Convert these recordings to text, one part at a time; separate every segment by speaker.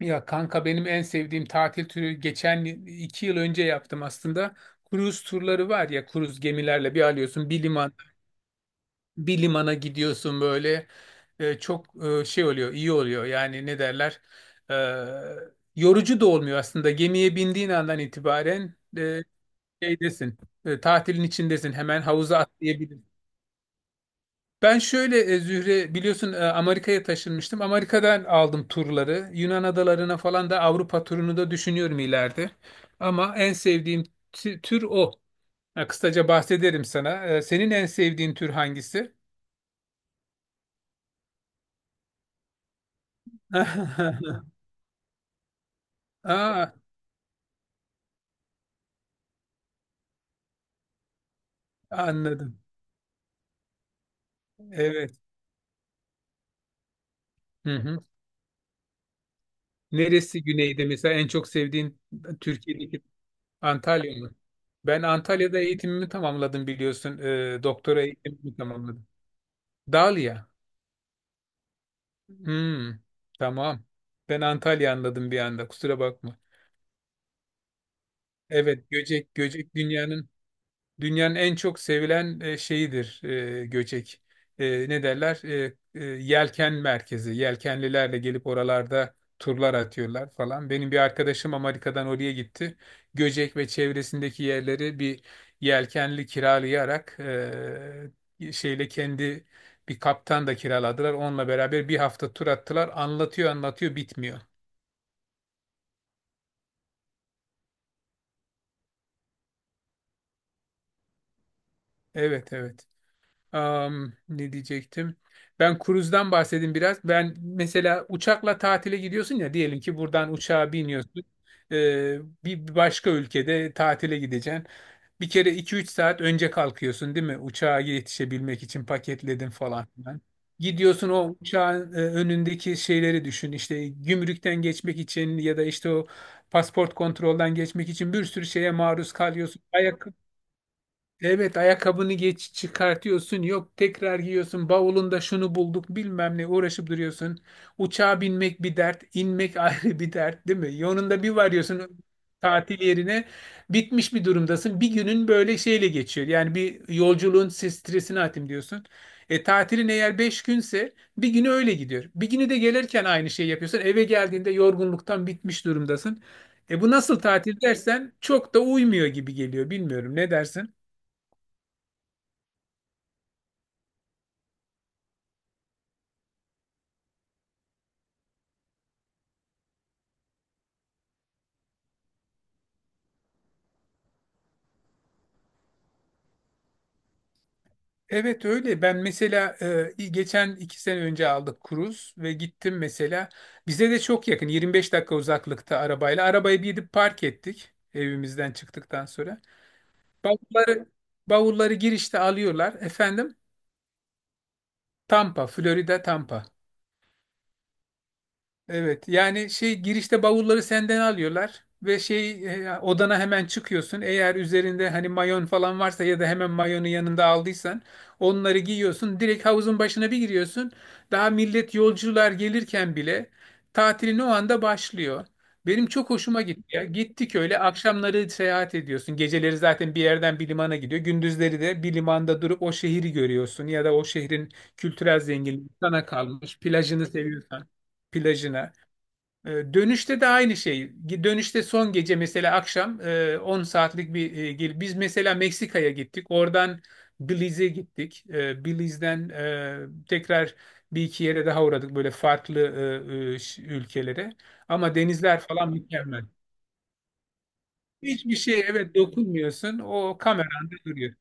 Speaker 1: Ya kanka benim en sevdiğim tatil türü geçen iki yıl önce yaptım aslında. Kruz turları var ya, kruz gemilerle bir alıyorsun, bir liman bir limana gidiyorsun böyle. Çok şey oluyor, iyi oluyor yani, ne derler, E, yorucu da olmuyor aslında. Gemiye bindiğin andan itibaren şeydesin, tatilin içindesin, hemen havuza atlayabilirsin. Ben şöyle, Zühre biliyorsun, Amerika'ya taşınmıştım. Amerika'dan aldım turları. Yunan adalarına falan da, Avrupa turunu da düşünüyorum ileride. Ama en sevdiğim tür o. Ha, kısaca bahsederim sana. Senin en sevdiğin tür hangisi? Aa, anladım. Evet. Hı hı. Neresi güneyde mesela en çok sevdiğin Türkiye'deki, Antalya mı? Ben Antalya'da eğitimimi tamamladım biliyorsun. Doktora eğitimimi tamamladım. Dalia. Hmm, tamam. Ben Antalya anladım bir anda. Kusura bakma. Evet, göcek göcek dünyanın en çok sevilen şeyidir göcek. Ne derler? Yelken merkezi. Yelkenlilerle gelip oralarda turlar atıyorlar falan. Benim bir arkadaşım Amerika'dan oraya gitti. Göcek ve çevresindeki yerleri bir yelkenli kiralayarak, e, şeyle kendi bir kaptan da kiraladılar. Onunla beraber bir hafta tur attılar. Anlatıyor anlatıyor bitmiyor. Evet evet. Am, ne diyecektim? Ben kruzdan bahsedeyim biraz. Ben mesela uçakla tatile gidiyorsun ya, diyelim ki buradan uçağa biniyorsun. Ee, bir başka ülkede tatile gideceksin. Bir kere iki üç saat önce kalkıyorsun değil mi? Uçağa yetişebilmek için paketledin falan filan. Gidiyorsun, o uçağın önündeki şeyleri düşün. İşte gümrükten geçmek için, ya da işte o pasport kontrolden geçmek için bir sürü şeye maruz kalıyorsun. Ayak. Evet, ayakkabını geç çıkartıyorsun, yok tekrar giyiyorsun, bavulunda şunu bulduk bilmem ne, uğraşıp duruyorsun. Uçağa binmek bir dert, inmek ayrı bir dert, değil mi? Yolunda bir varıyorsun tatil yerine, bitmiş bir durumdasın, bir günün böyle şeyle geçiyor. Yani bir yolculuğun stresini atayım diyorsun. Tatilin eğer 5 günse bir günü öyle gidiyor. Bir günü de gelirken aynı şeyi yapıyorsun, eve geldiğinde yorgunluktan bitmiş durumdasın. E bu nasıl tatil dersen çok da uymuyor gibi geliyor, bilmiyorum ne dersin? Evet öyle. Ben mesela geçen iki sene önce aldık kruz ve gittim mesela. Bize de çok yakın, 25 dakika uzaklıkta arabayla. Arabayı bir gidip park ettik evimizden çıktıktan sonra. Bavulları, bavulları girişte alıyorlar. Efendim. Tampa, Florida Tampa. Evet yani şey, girişte bavulları senden alıyorlar ve şey, odana hemen çıkıyorsun. Eğer üzerinde hani mayon falan varsa ya da hemen mayonu yanında aldıysan onları giyiyorsun. Direkt havuzun başına bir giriyorsun. Daha millet, yolcular gelirken bile tatilin o anda başlıyor. Benim çok hoşuma gitti ya. Gittik, öyle akşamları seyahat ediyorsun. Geceleri zaten bir yerden bir limana gidiyor. Gündüzleri de bir limanda durup o şehri görüyorsun ya da o şehrin kültürel zenginliği sana kalmış. Plajını seviyorsan plajına. Dönüşte de aynı şey. Dönüşte son gece mesela akşam 10 saatlik bir biz mesela Meksika'ya gittik. Oradan Belize'e gittik. Belize'den tekrar bir iki yere daha uğradık, böyle farklı ülkelere. Ama denizler falan mükemmel. Hiçbir şey, evet, dokunmuyorsun. O kameranda duruyor.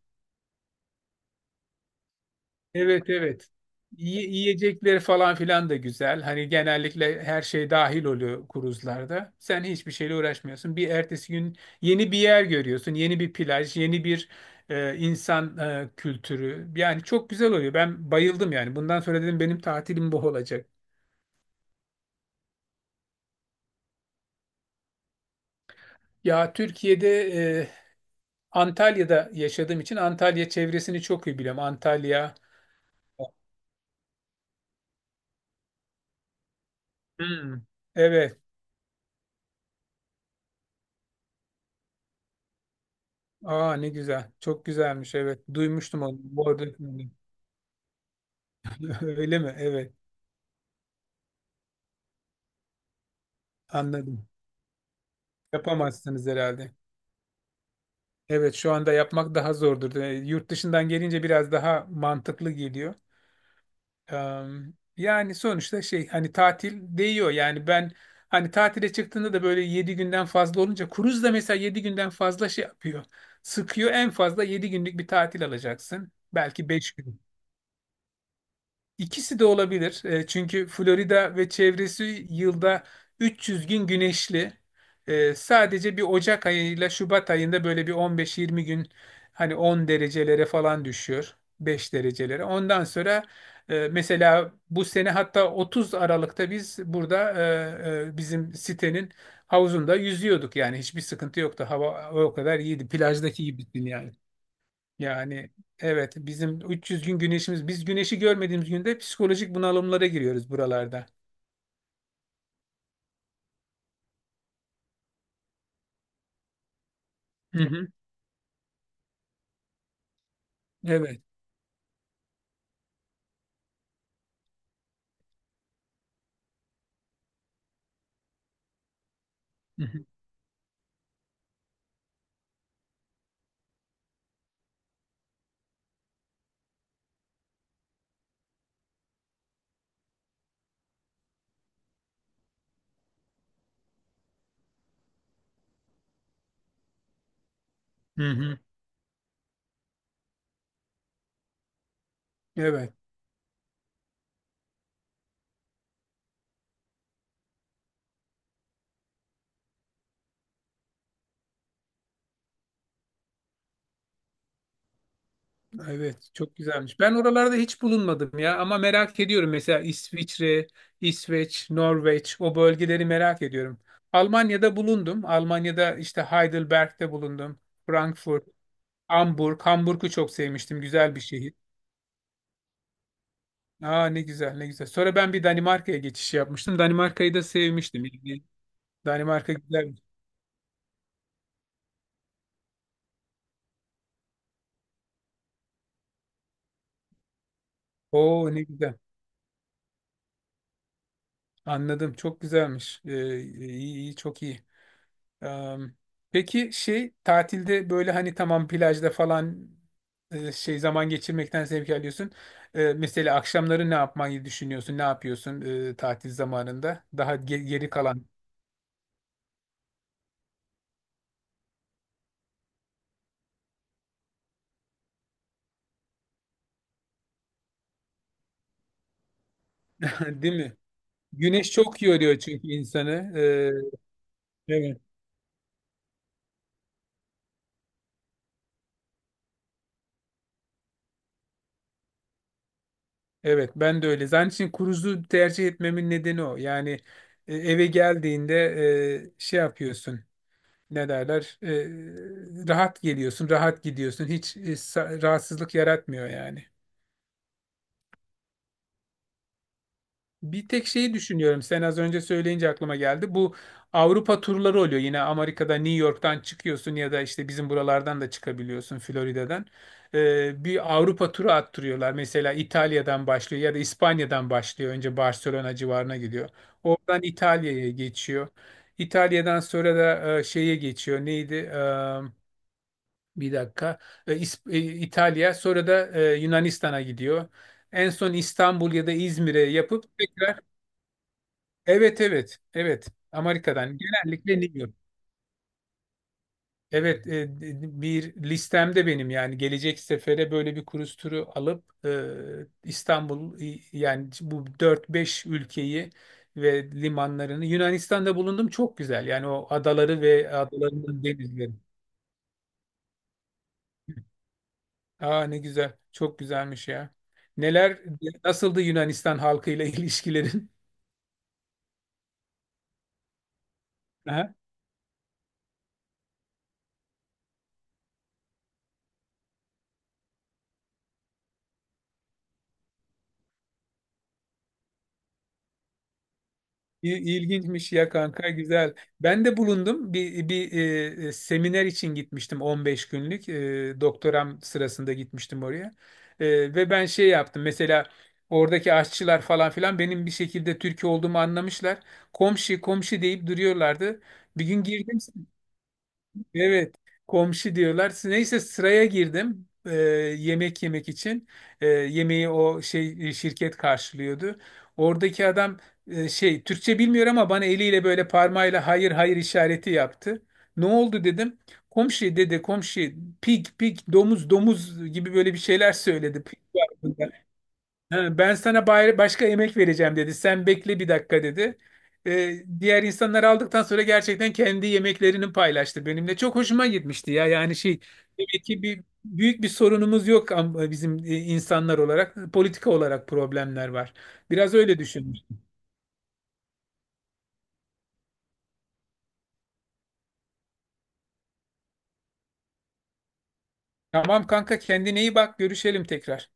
Speaker 1: Evet evet. Yiyecekleri falan filan da güzel. Hani genellikle her şey dahil oluyor kruzlarda. Sen hiçbir şeyle uğraşmıyorsun. Bir ertesi gün yeni bir yer görüyorsun. Yeni bir plaj, yeni bir insan kültürü. Yani çok güzel oluyor. Ben bayıldım yani. Bundan sonra dedim benim tatilim bu olacak. Ya Türkiye'de, e, Antalya'da yaşadığım için Antalya çevresini çok iyi biliyorum. Antalya. Hmm. Evet. Aa, ne güzel. Çok güzelmiş. Evet. Duymuştum onu bu arada. Öyle mi? Evet, anladım. Yapamazsınız herhalde. Evet, şu anda yapmak daha zordur. Yurt dışından gelince biraz daha mantıklı geliyor. Eee, Yani sonuçta şey, hani tatil değiyor. Yani ben hani tatile çıktığında da böyle 7 günden fazla olunca, kruz da mesela 7 günden fazla şey yapıyor. Sıkıyor. En fazla 7 günlük bir tatil alacaksın. Belki 5 gün. İkisi de olabilir. E, çünkü Florida ve çevresi yılda 300 gün güneşli. Sadece bir Ocak ayıyla Şubat ayında böyle bir 15-20 gün hani 10 derecelere falan düşüyor. 5 derecelere. Ondan sonra mesela bu sene hatta 30 Aralık'ta biz burada, bizim sitenin havuzunda yüzüyorduk. Yani hiçbir sıkıntı yoktu. Hava o kadar iyiydi. Plajdaki gibisin yani. Yani evet, bizim 300 gün güneşimiz, biz güneşi görmediğimiz günde psikolojik bunalımlara giriyoruz buralarda. Hı hı. Evet. Hı hı. Hı hı. Evet. Evet. Çok güzelmiş. Ben oralarda hiç bulunmadım ya ama merak ediyorum. Mesela İsviçre, İsveç, Norveç, o bölgeleri merak ediyorum. Almanya'da bulundum. Almanya'da işte Heidelberg'de bulundum. Frankfurt, Hamburg. Hamburg'u çok sevmiştim. Güzel bir şehir. Aa, ne güzel, ne güzel. Sonra ben bir Danimarka'ya geçiş yapmıştım. Danimarka'yı da sevmiştim. Yani Danimarka güzel. Oo, ne güzel. Anladım. Çok güzelmiş. İyi, iyi, çok iyi. Am, peki şey, tatilde böyle hani, tamam, plajda falan şey zaman geçirmekten zevk alıyorsun. Mesela akşamları ne yapmayı düşünüyorsun? Ne yapıyorsun tatil zamanında? Daha geri kalan, değil mi? Güneş çok yoruyor çünkü insanı. Ee, evet. Evet, ben de öyle. Zaten için cruise'u tercih etmemin nedeni o. Yani eve geldiğinde şey yapıyorsun, ne derler, rahat geliyorsun, rahat gidiyorsun. Hiç rahatsızlık yaratmıyor yani. Bir tek şeyi düşünüyorum. Sen az önce söyleyince aklıma geldi. Bu Avrupa turları oluyor. Yine Amerika'da New York'tan çıkıyorsun ya da işte bizim buralardan da çıkabiliyorsun Florida'dan. Bir Avrupa turu attırıyorlar. Mesela İtalya'dan başlıyor ya da İspanya'dan başlıyor. Önce Barcelona civarına gidiyor. Oradan İtalya'ya geçiyor. İtalya'dan sonra da şeye geçiyor. Neydi? Bir dakika. İtalya, sonra da Yunanistan'a gidiyor. En son İstanbul ya da İzmir'e yapıp tekrar, evet evet evet, Amerika'dan, genellikle New York. Evet, bir listemde benim yani gelecek sefere böyle bir cruise turu alıp yani bu dört beş ülkeyi ve limanlarını. Yunanistan'da bulundum, çok güzel. Yani o adaları ve adalarının denizleri. Aa, ne güzel. Çok güzelmiş ya. Neler, nasıldı Yunanistan halkıyla ilişkilerin? Aha, İlginçmiş ya kanka, güzel. Ben de bulundum. Bir seminer için gitmiştim, 15 günlük. E, doktoram sırasında gitmiştim oraya. E, ve ben şey yaptım. Mesela oradaki aşçılar falan filan benim bir şekilde Türk olduğumu anlamışlar. Komşu komşu deyip duruyorlardı. Bir gün girdim. Evet, komşu diyorlar. Neyse sıraya girdim yemek yemek için. Yemeği o şey, şirket karşılıyordu. Oradaki adam şey, Türkçe bilmiyor ama bana eliyle böyle parmağıyla hayır hayır işareti yaptı. Ne oldu dedim. Komşu dedi, komşu, pig pig, domuz domuz gibi böyle bir şeyler söyledi. Pig var bunda. Ha, ben sana başka emek vereceğim dedi. Sen bekle bir dakika dedi. Diğer insanlar aldıktan sonra gerçekten kendi yemeklerini paylaştı benimle. Çok hoşuma gitmişti ya. Yani şey, demek ki bir büyük bir sorunumuz yok bizim insanlar olarak. Politika olarak problemler var. Biraz öyle düşünmüş. Tamam kanka, kendine iyi bak. Görüşelim tekrar.